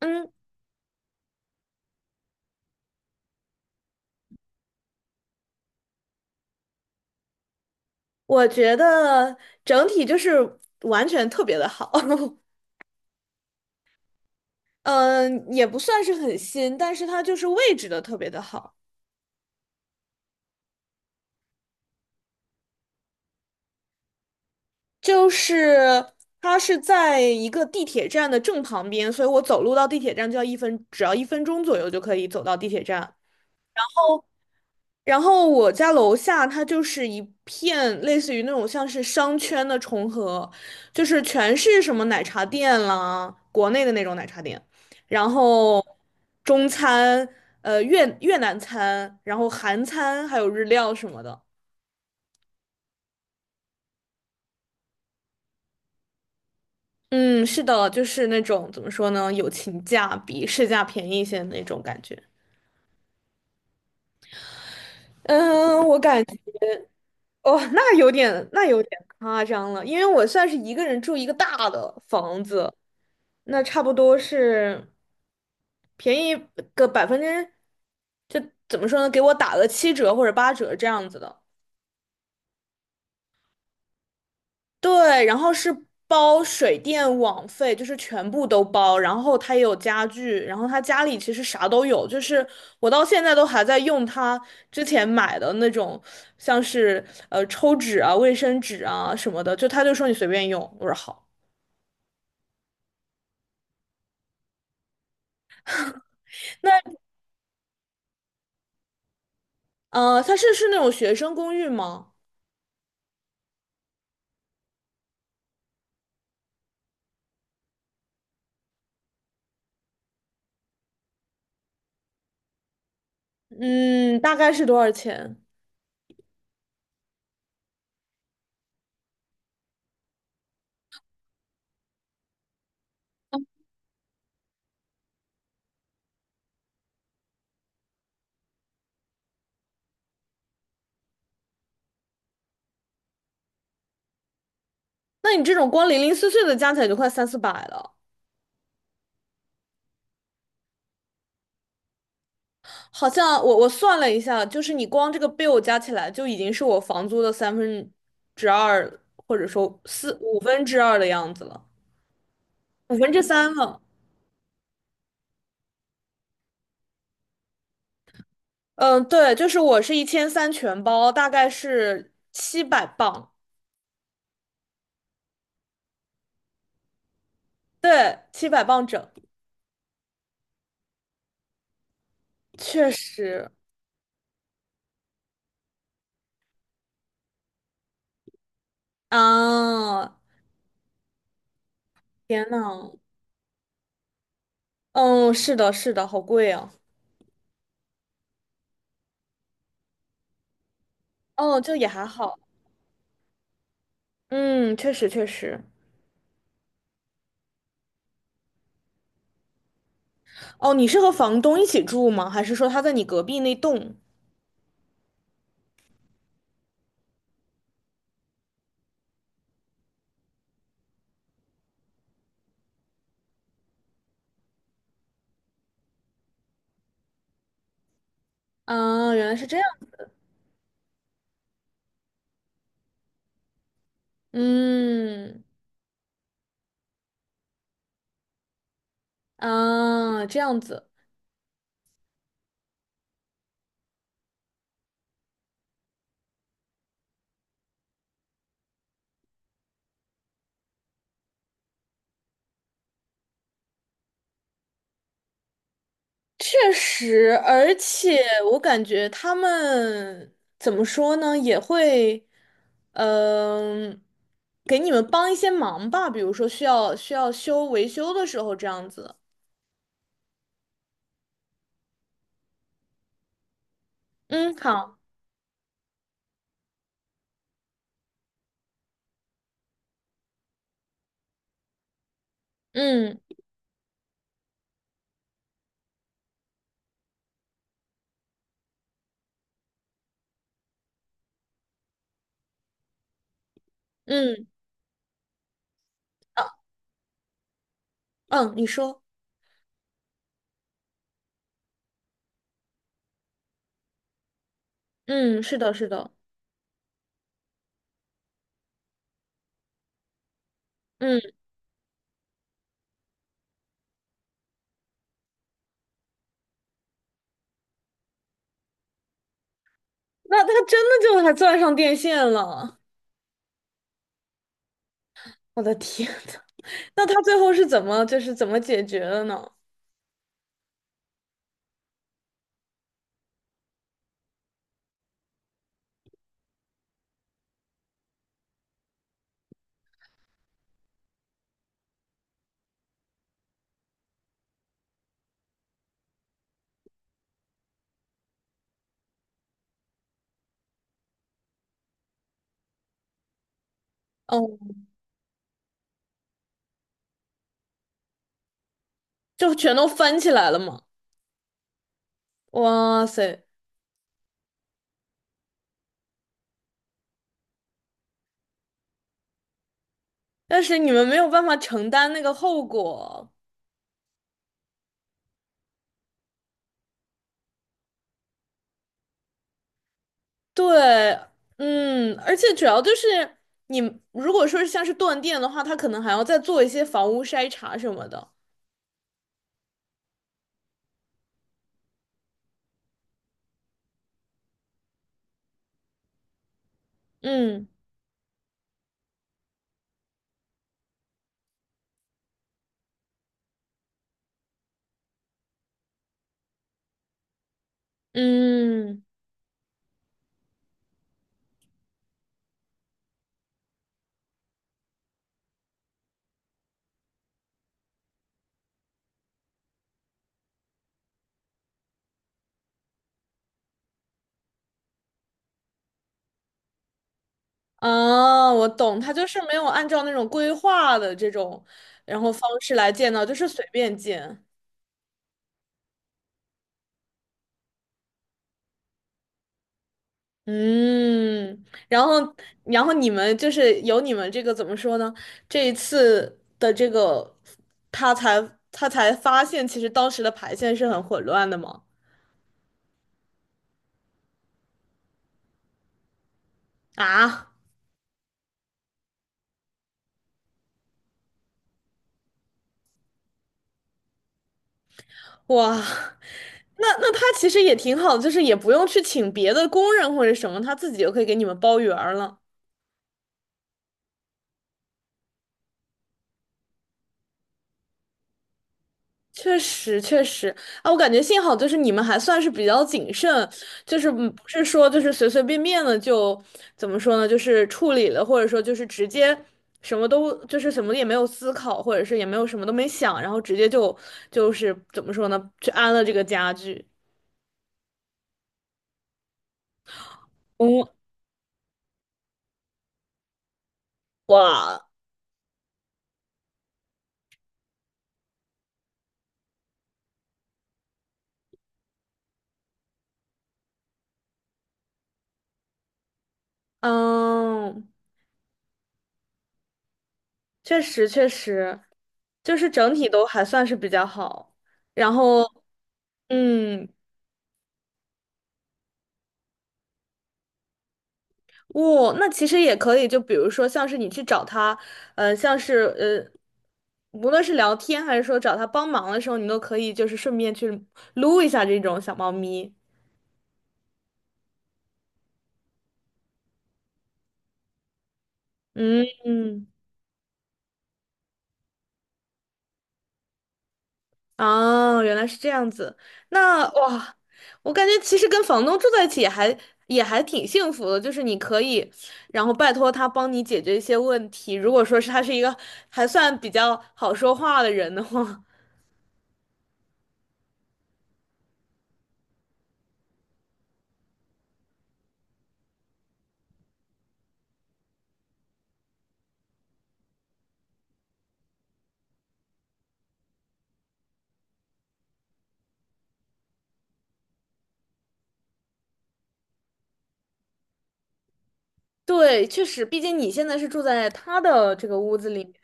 嗯，我觉得整体就是完全特别的好，嗯，也不算是很新，但是它就是位置的特别的好，就是它是在一个地铁站的正旁边，所以我走路到地铁站就要一分，只要1分钟左右就可以走到地铁站。然后我家楼下它就是一片类似于那种像是商圈的重合，就是全是什么奶茶店啦，国内的那种奶茶店，然后中餐、越南餐，然后韩餐，还有日料什么的。嗯，是的，就是那种怎么说呢，友情价比市价便宜一些的那种感觉。嗯，我感觉哦，那有点夸张了，因为我算是一个人住一个大的房子。那差不多是便宜个百分之，就怎么说呢，给我打了7折或者8折这样子的。对，然后是包水电网费，就是全部都包，然后他也有家具，然后他家里其实啥都有，就是我到现在都还在用他之前买的那种，像是抽纸啊、卫生纸啊什么的，就他就说你随便用，我说好。那他是那种学生公寓吗？嗯，大概是多少钱？那你这种光零零碎碎的加起来就快三四百了，好像我算了一下，就是你光这个 bill 加起来就已经是我房租的三分之二，或者说四五分之二的样子了，五分之三了。嗯，对，就是我是1300全包，大概是七百磅，对，七百磅整，确实啊，天呐，嗯，是的，是的，好贵啊，哦，就也还好，嗯，确实确实。哦，你是和房东一起住吗？还是说他在你隔壁那栋？啊，原来是这样。嗯，啊，这样子，确实，而且我感觉他们怎么说呢，也会，嗯、给你们帮一些忙吧，比如说需要维修的时候这样子。嗯，好，嗯嗯啊嗯，你说，嗯，是的，是的，嗯，那他真的就还钻上电线了，我的天！那他最后是怎么就是怎么解决的呢？哦，就全都翻起来了嘛。哇塞！但是你们没有办法承担那个后果。对，嗯，而且主要就是你如果说是像是断电的话，他可能还要再做一些房屋筛查什么的。嗯嗯啊，我懂，他就是没有按照那种规划的这种然后方式来建造，就是随便建。嗯，然后，你们就是有你们这个怎么说呢？这一次的这个，他才他才发现，其实当时的排线是很混乱的嘛。啊，哇，那那他其实也挺好的就是也不用去请别的工人或者什么，他自己就可以给你们包圆儿了。确实，确实啊，我感觉幸好就是你们还算是比较谨慎，就是不是说就是随随便便的就怎么说呢，就是处理了，或者说就是直接什么都就是什么也没有思考，或者是也没有什么都没想，然后直接就就是怎么说呢，去安了这个家具。嗯，哇，嗯，确实确实，就是整体都还算是比较好，然后嗯，哦，那其实也可以，就比如说像是你去找他，像是无论是聊天还是说找他帮忙的时候，你都可以就是顺便去撸一下这种小猫咪。嗯嗯，哦，原来是这样子。那哇，我感觉其实跟房东住在一起也还挺幸福的，就是你可以，然后拜托他帮你解决一些问题。如果说是他是一个还算比较好说话的人的话，对，确实，毕竟你现在是住在他的这个屋子里面，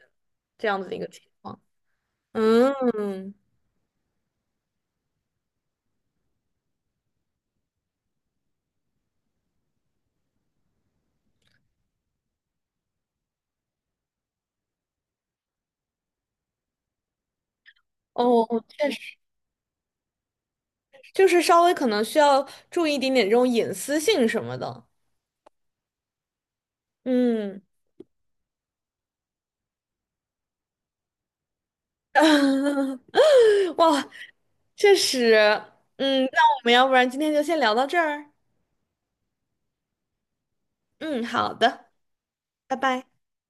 这样子的一个情况。嗯，哦，确实，就是稍微可能需要注意一点点这种隐私性什么的。嗯，哇，确实，嗯，那我们要不然今天就先聊到这儿。嗯，好的，拜拜。